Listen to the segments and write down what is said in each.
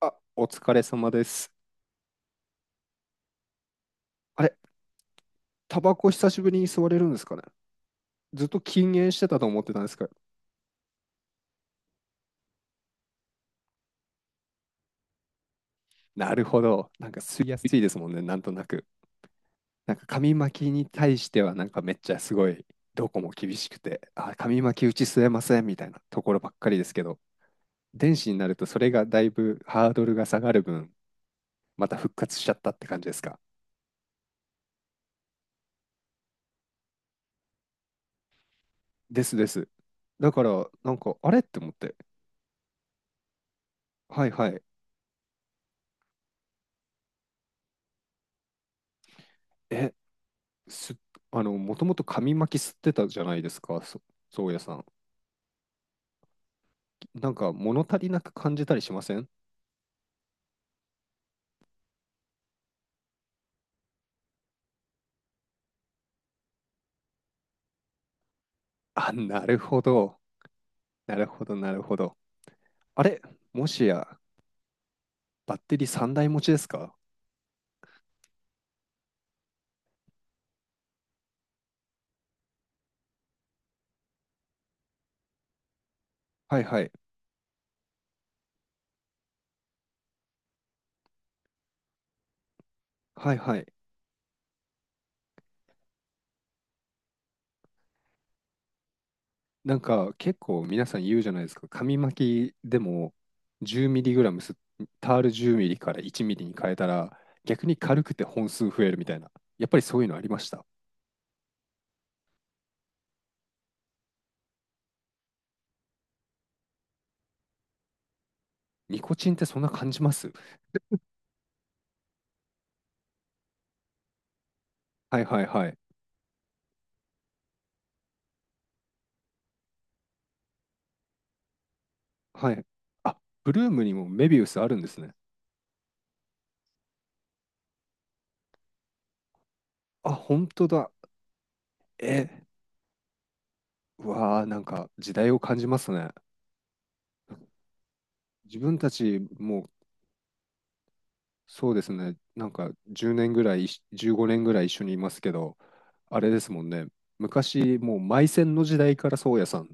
あ、お疲れ様です。あれ、タバコ久しぶりに吸われるんですかね？ずっと禁煙してたと思ってたんですけど。なるほど。なんか吸いやすいですもんね、なんとなく。なんか紙巻きに対してはなんかめっちゃすごい、どこも厳しくて、あ、紙巻きうち吸えませんみたいなところばっかりですけど、電子になるとそれがだいぶハードルが下がる分、また復活しちゃったって感じですか？ですです。だから、なんか、あれって思って、はいはい。え、す、あの、もともと紙巻き吸ってたじゃないですか、宗谷さん。なんか物足りなく感じたりしません？あ、なるほど。なるほど、なるほど。あれ、もしや、バッテリー3台持ちですか？はいはい。はいはい。なんか結構皆さん言うじゃないですか。紙巻きでも1 0ラムす、タール1 0ミリから1ミリに変えたら逆に軽くて本数増えるみたいな。やっぱりそういうのありました？ニコチンってそんな感じます？はいはいはい。はい。あ、ブルームにもメビウスあるんですね。あ、本当だ。え、うわー、なんか時代を感じますね。自分たちもそうですね、なんか10年ぐらい、15年ぐらい一緒にいますけど、あれですもんね、昔、もうマイセンの時代から宗谷さん、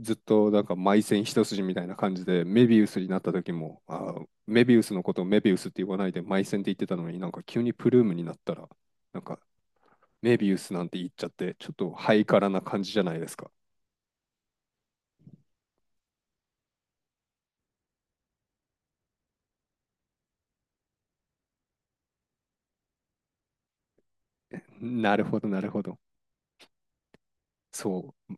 ずっとなんかマイセン一筋みたいな感じで、メビウスになった時も、メビウスのことをメビウスって言わないでマイセンって言ってたのに、なんか急にプルームになったら、なんかメビウスなんて言っちゃって、ちょっとハイカラな感じじゃないですか。なるほど、なるほど。そう。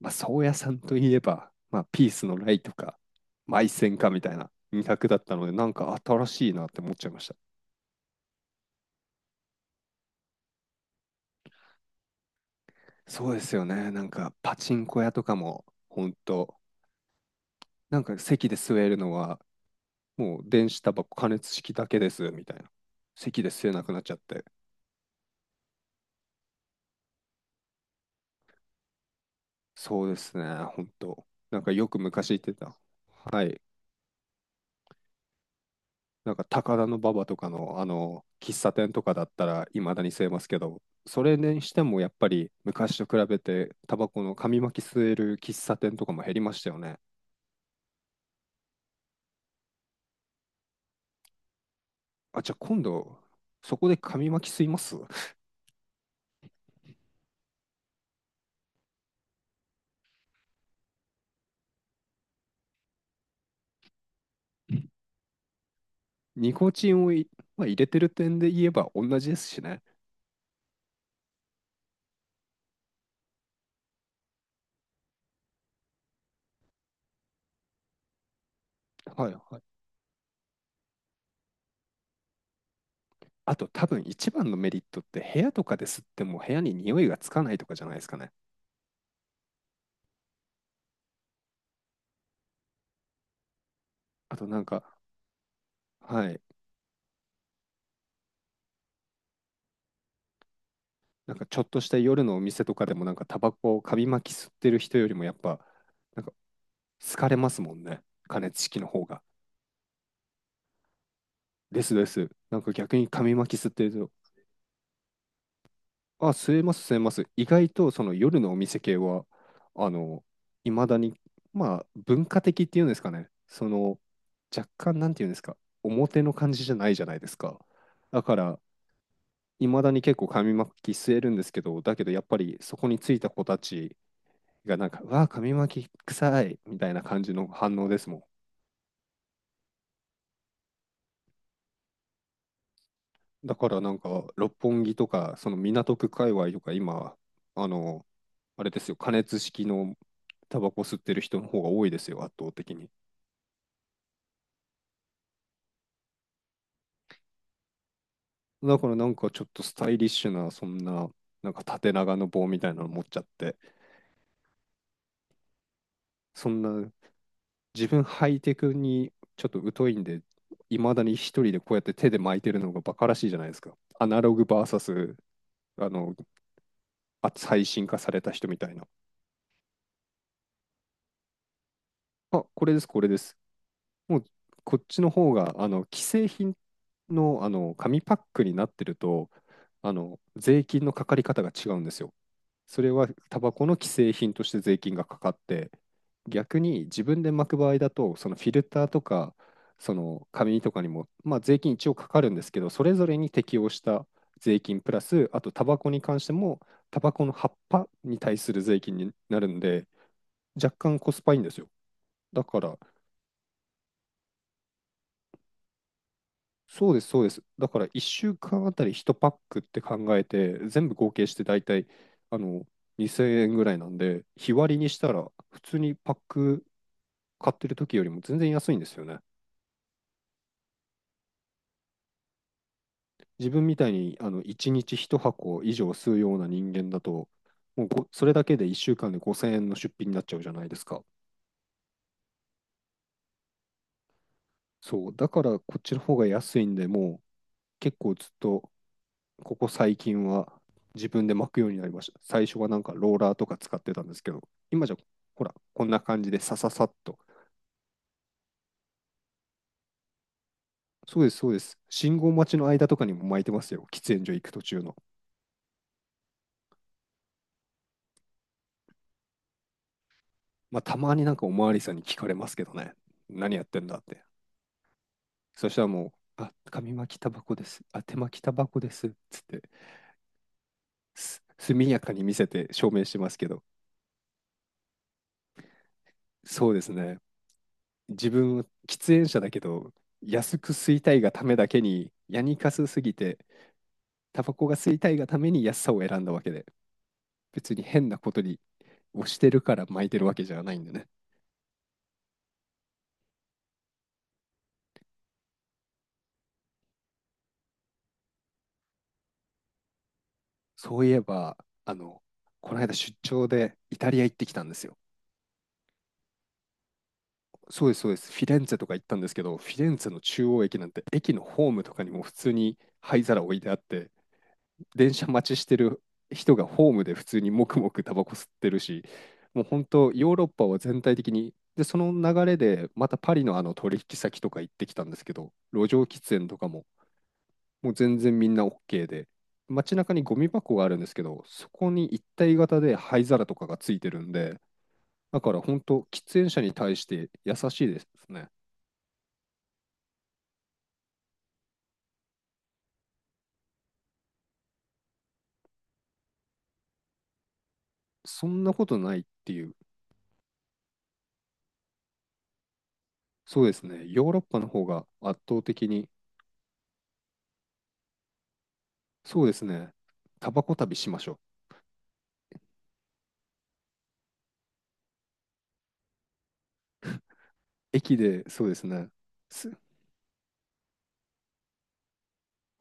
まあ、宗谷さんといえば、まあ、ピースのライとか、マイセンかみたいな2択だったので、なんか新しいなって思っちゃいました。そうですよね。なんか、パチンコ屋とかも、ほんと、なんか席で座るのは、もう電子タバコ加熱式だけです、みたいな。席で吸えなくなっちゃって。そうですね、本当。なんかよく昔言ってた。はい。なんか高田馬場とかのあの喫茶店とかだったらいまだに吸えますけど、それにしてもやっぱり昔と比べてタバコの紙巻き吸える喫茶店とかも減りましたよね。あ、じゃあ今度そこで紙巻き吸います？ ニコチンをまあ、入れてる点で言えば同じですしね。はいはい。あと多分一番のメリットって部屋とかで吸っても部屋に匂いがつかないとかじゃないですかね。あとなんか、はい、なんかちょっとした夜のお店とかでもなんかタバコを紙巻き吸ってる人よりもやっぱなんか好かれますもんね。加熱式の方が。ですです。なんか逆に紙巻き吸ってると、あ、吸えます吸えます。意外とその夜のお店系は、あの、いまだに、まあ文化的っていうんですかね。その若干なんていうんですか、表の感じじゃないじゃないですか。だから、いまだに結構紙巻き吸えるんですけど、だけどやっぱりそこについた子たちがなんか、うわあ、紙巻き臭いみたいな感じの反応ですもん。だからなんか、六本木とか、その港区界隈とか、今、あの、あれですよ、加熱式のタバコ吸ってる人の方が多いですよ、圧倒的に。だからなんかちょっとスタイリッシュな、そんな、なんか縦長の棒みたいなの持っちゃって、そんな自分ハイテクにちょっと疎いんで、いまだに一人でこうやって手で巻いてるのがバカらしいじゃないですか。アナログ v スあの、最新化された人みたいな。あ、これです、これです。もう、こっちの方が、あの、既製品の、あの、紙パックになってると、あの、税金のかかり方が違うんですよ。それはタバコの既製品として税金がかかって、逆に自分で巻く場合だと、そのフィルターとか、その紙とかにも、まあ、税金一応かかるんですけど、それぞれに適用した税金プラス、あとタバコに関しても、タバコの葉っぱに対する税金になるんで、若干コスパいいんですよ。だから、そうです、そうです。だから、1週間あたり1パックって考えて、全部合計して大体、あの、2000円ぐらいなんで、日割りにしたら、普通にパック買ってる時よりも全然安いんですよね。自分みたいにあの1日1箱以上吸うような人間だと、もうそれだけで1週間で5000円の出費になっちゃうじゃないですか。そう、だからこっちの方が安いんで、もう結構ずっとここ最近は自分で巻くようになりました。最初はなんかローラーとか使ってたんですけど、今じゃほら、こんな感じでさささっと。そうです、そうです。信号待ちの間とかにも巻いてますよ。喫煙所行く途中の。まあ、たまになんかおまわりさんに聞かれますけどね。何やってんだって。そしたらもう、あ、紙巻きタバコです。あ、手巻きタバコです。つって、速やかに見せて証明してますけど、そうですね。自分は喫煙者だけど、安く吸いたいがためだけに、ヤニカスすぎて、タバコが吸いたいがために安さを選んだわけで、別に変なことに押してるから巻いてるわけじゃないんでね。そういえば、あの、この間出張でイタリア行ってきたんですよ。そうです、そうです。フィレンツェとか行ったんですけど、フィレンツェの中央駅なんて、駅のホームとかにも普通に灰皿置いてあって、電車待ちしてる人がホームで普通にもくもくタバコ吸ってるし、もう本当、ヨーロッパは全体的に、で、その流れで、またパリのあの取引先とか行ってきたんですけど、路上喫煙とかも、もう全然みんな OK で、街中にゴミ箱があるんですけど、そこに一体型で灰皿とかがついてるんで、だから本当、喫煙者に対して優しいですね。そんなことないっていう。そうですね。ヨーロッパの方が圧倒的に、そうですね。タバコ旅しましょう。駅で、そうですね。す、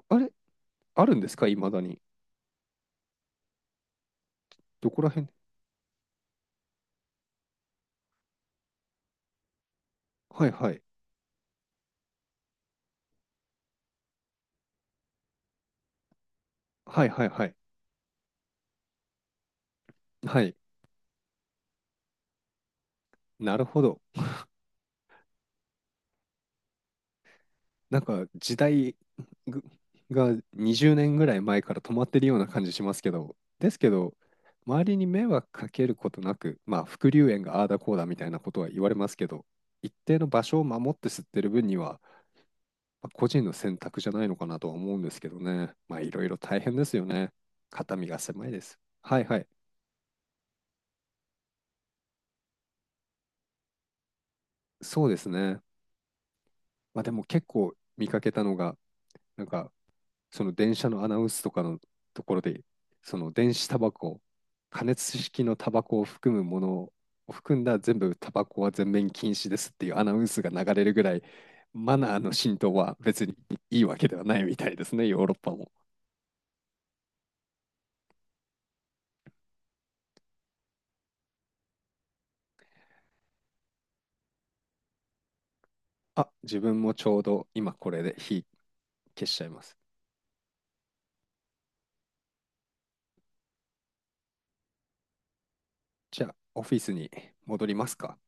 あれ、あるんですかいまだに？どこら辺？はいはい。はいはいはい。はい。なるほど。なんか時代ぐが20年ぐらい前から止まってるような感じしますけど、ですけど、周りに迷惑かけることなく、まあ、副流煙がああだこうだみたいなことは言われますけど、一定の場所を守って吸ってる分には、まあ個人の選択じゃないのかなとは思うんですけどね。まあいろいろ大変ですよね。肩身が狭いです。はいはい。そうですね。まあでも結構見かけたのが、なんかその電車のアナウンスとかのところで、その電子タバコ、加熱式のタバコを含むものを含んだ全部タバコは全面禁止ですっていうアナウンスが流れるぐらい、マナーの浸透は別にいいわけではないみたいですね、ヨーロッパも。あ、自分もちょうど今これで火消しちゃいます。じゃあ、オフィスに戻りますか？